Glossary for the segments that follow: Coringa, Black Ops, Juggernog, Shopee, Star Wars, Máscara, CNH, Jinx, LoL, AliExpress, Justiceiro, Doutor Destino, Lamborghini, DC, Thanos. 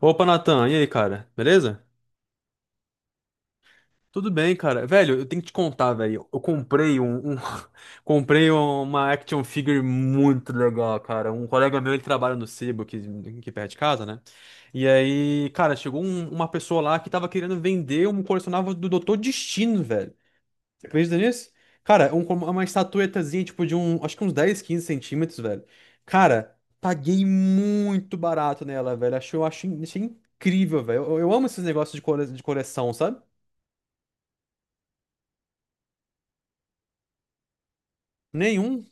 Opa, Natan, e aí, cara? Beleza? Tudo bem, cara. Velho, eu tenho que te contar, velho. Eu comprei um, um- Comprei uma action figure muito legal, cara. Um colega meu, ele trabalha no Sebo, que perto de casa, né? E aí, cara, chegou uma pessoa lá que tava querendo vender um colecionável do Doutor Destino, velho. Você acredita nisso? Cara, uma estatuetazinha, tipo, de um, acho que uns 10, 15 centímetros, velho. Cara, paguei muito barato nela, velho. Achei incrível, velho. Eu amo esses negócios de coleção, sabe? Nenhum.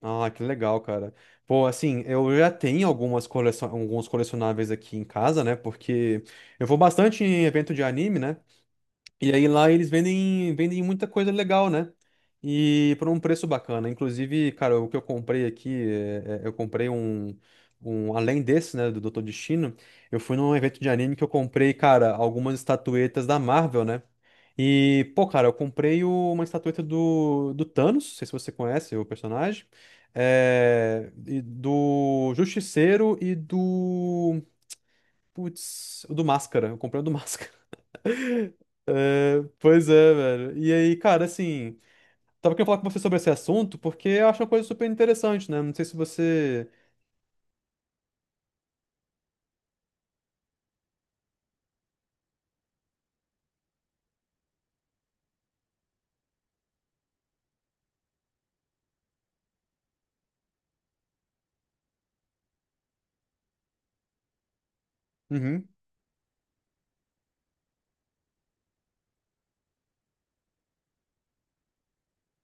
Ah, que legal, cara. Pô, assim, eu já tenho alguns colecionáveis aqui em casa, né? Porque eu vou bastante em evento de anime, né? E aí lá eles vendem muita coisa legal, né? E por um preço bacana. Inclusive, cara, o que eu comprei aqui, eu comprei além desse, né, do Doutor Destino, eu fui num evento de anime que eu comprei, cara, algumas estatuetas da Marvel, né? E, pô, cara, eu comprei uma estatueta do Thanos, não sei se você conhece o personagem, e do Justiceiro e do. Putz, o do Máscara. Eu comprei o do Máscara. É, pois é, velho. E aí, cara, assim, tava querendo falar com você sobre esse assunto porque eu acho uma coisa super interessante, né? Não sei se você. Uhum,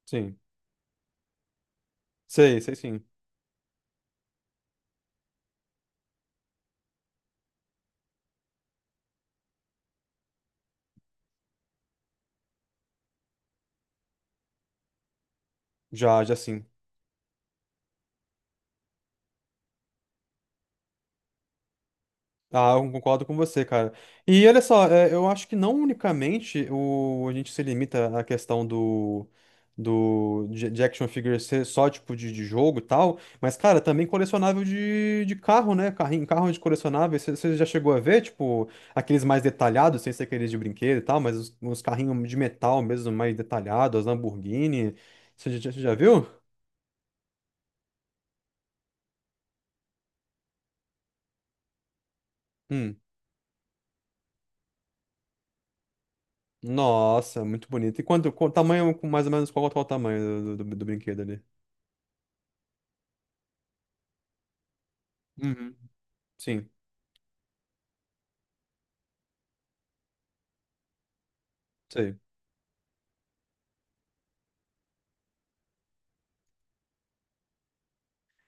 sim. Sei, sei sim. Já, já sim. Ah, eu concordo com você, cara. E olha só, eu acho que não unicamente a gente se limita à questão de action figure ser só tipo de jogo e tal, mas, cara, também colecionável de carro, né? Carrinho, carro de colecionável. Você já chegou a ver, tipo, aqueles mais detalhados, sem ser aqueles de brinquedo e tal, mas os carrinhos de metal mesmo, mais detalhados, as Lamborghini. Você já viu? Hum. Nossa, muito bonito. E quanto, qual tamanho, mais ou menos, qual o tamanho do brinquedo ali? Uhum. Sim, sei.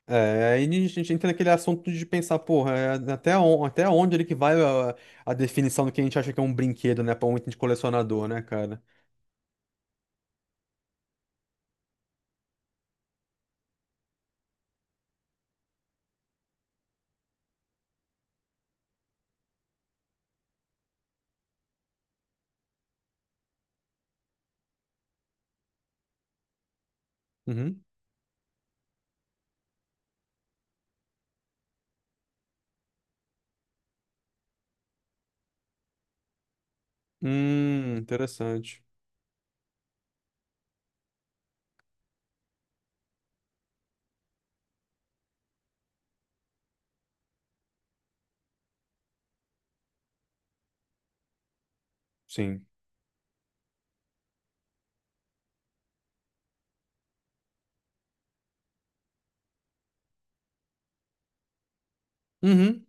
É, aí a gente entra naquele assunto de pensar, porra, até onde ele que vai a definição do que a gente acha que é um brinquedo, né? Pra um item de colecionador, né, cara? Uhum. Interessante. Sim. Uhum.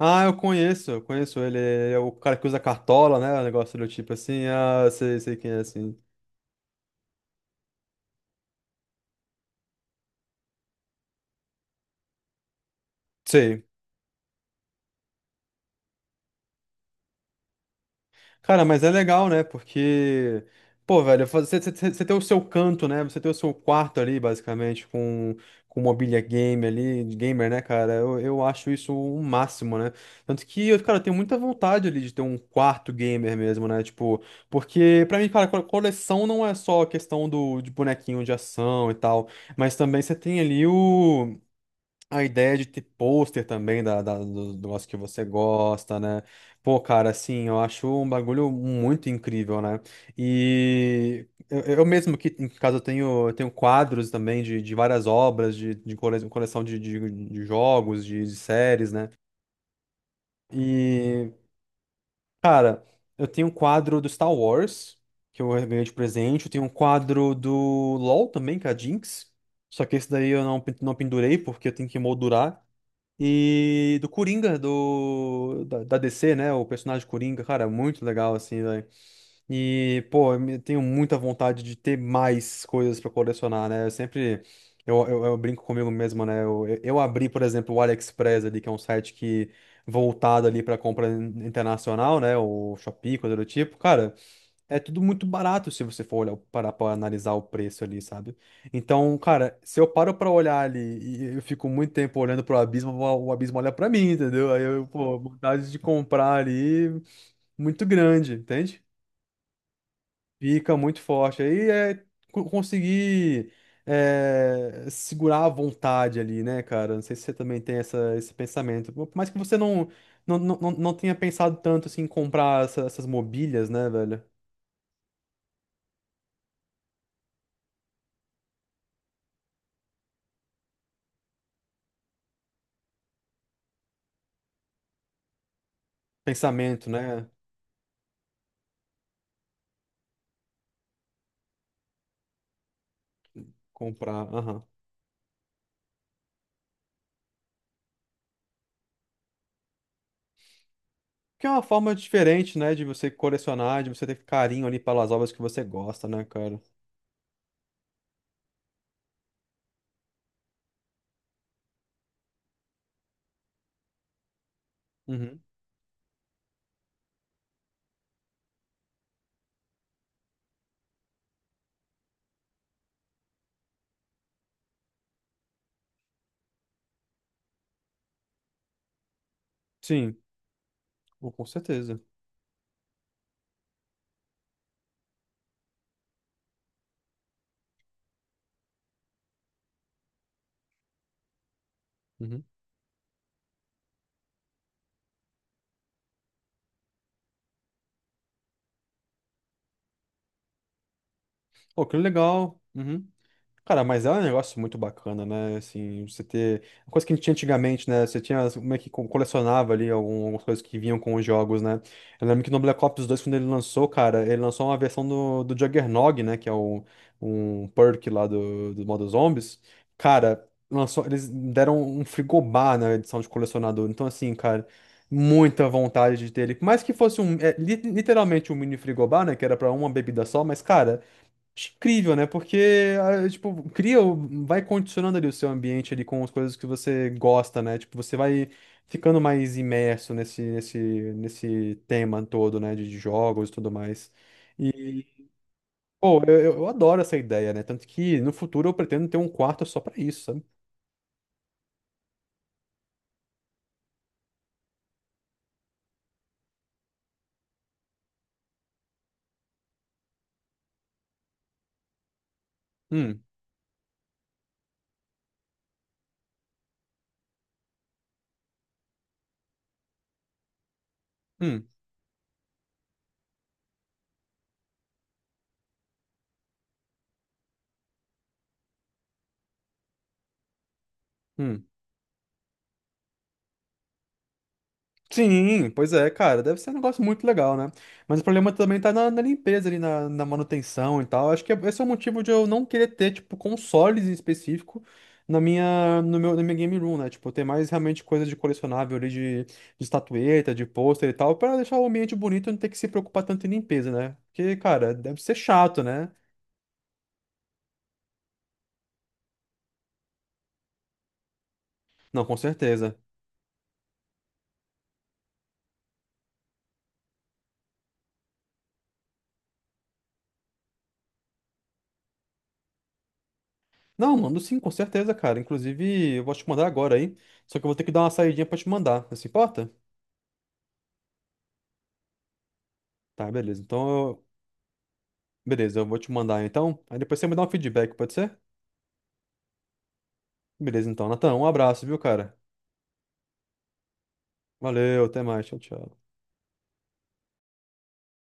Ah, eu conheço ele. É o cara que usa cartola, né? O negócio do tipo assim. Ah, sei, sei quem é assim. Sei. Cara, mas é legal, né? Porque, pô, velho, você tem o seu canto, né? Você tem o seu quarto ali, basicamente, com mobília game ali, de gamer, né, cara? Eu acho isso o máximo, né? Tanto que, eu, cara, eu tenho muita vontade ali de ter um quarto gamer mesmo, né? Tipo, porque pra mim, cara, coleção não é só a questão de bonequinho de ação e tal, mas também você tem ali o. A ideia de ter pôster também do negócio que você gosta, né? Pô, cara, assim, eu acho um bagulho muito incrível, né? E eu mesmo que em casa eu tenho quadros também de várias obras, de coleção de jogos, de séries, né? E, cara, eu tenho um quadro do Star Wars, que eu ganhei de presente, eu tenho um quadro do LoL também, que é a Jinx. Só que esse daí eu não pendurei porque eu tenho que moldurar. E do Coringa, da DC, né? O personagem Coringa, cara, muito legal, assim, velho. E, pô, eu tenho muita vontade de ter mais coisas pra colecionar, né? Eu sempre. Eu brinco comigo mesmo, né? Eu abri, por exemplo, o AliExpress ali, que é um site que voltado ali pra compra internacional, né? O Shopee, coisa do tipo. Cara, é tudo muito barato se você for olhar, para analisar o preço ali, sabe? Então, cara, se eu paro pra olhar ali e eu fico muito tempo olhando pro abismo, o abismo olha pra mim, entendeu? Aí eu, pô, vontade de comprar ali muito grande, entende? Fica muito forte. Aí é conseguir segurar a vontade ali, né, cara? Não sei se você também tem essa, esse pensamento. Por mais que você não tenha pensado tanto assim, em comprar essas mobílias, né, velho? Pensamento, né? Comprar, aham. Que é uma forma diferente, né, de você colecionar, de você ter carinho ali pelas obras que você gosta, né, cara? Uhum. Sim, oh, com certeza. Uhum. Pô, que legal. Uhum. Cara, mas é um negócio muito bacana, né? Assim, você ter. Uma coisa que a gente tinha antigamente, né? Você tinha como é que colecionava ali algumas coisas que vinham com os jogos, né? Eu lembro que no Black Ops 2 quando ele lançou, cara, ele lançou uma versão do Juggernog, né? Que é um perk lá do modo zombies. Cara, lançou, eles deram um frigobar na edição de colecionador. Então, assim, cara, muita vontade de ter ele. Por mais que fosse um. Literalmente um mini frigobar, né? Que era pra uma bebida só, mas, cara. Incrível, né? Porque, ah, tipo, vai condicionando ali o seu ambiente ali com as coisas que você gosta, né? Tipo, você vai ficando mais imerso nesse tema todo, né? De jogos e tudo mais. E, pô, eu adoro essa ideia, né? Tanto que no futuro eu pretendo ter um quarto só pra isso, sabe? Hum, hum, hum. Sim, pois é, cara, deve ser um negócio muito legal, né? Mas o problema também tá na limpeza ali, na manutenção e tal. Acho que esse é o motivo de eu não querer ter, tipo, consoles em específico na minha, no meu, na minha game room, né? Tipo, ter mais realmente coisa de colecionável ali, de estatueta, de pôster e tal, pra deixar o ambiente bonito e não ter que se preocupar tanto em limpeza, né? Porque, cara, deve ser chato, né? Não, com certeza. Não, mando sim, com certeza, cara. Inclusive, eu vou te mandar agora aí. Só que eu vou ter que dar uma saidinha pra te mandar. Não se importa? Tá, beleza. Então eu. Beleza, eu vou te mandar então. Aí depois você me dá um feedback, pode ser? Beleza, então, Natan, um abraço, viu, cara? Valeu, até mais, tchau, tchau.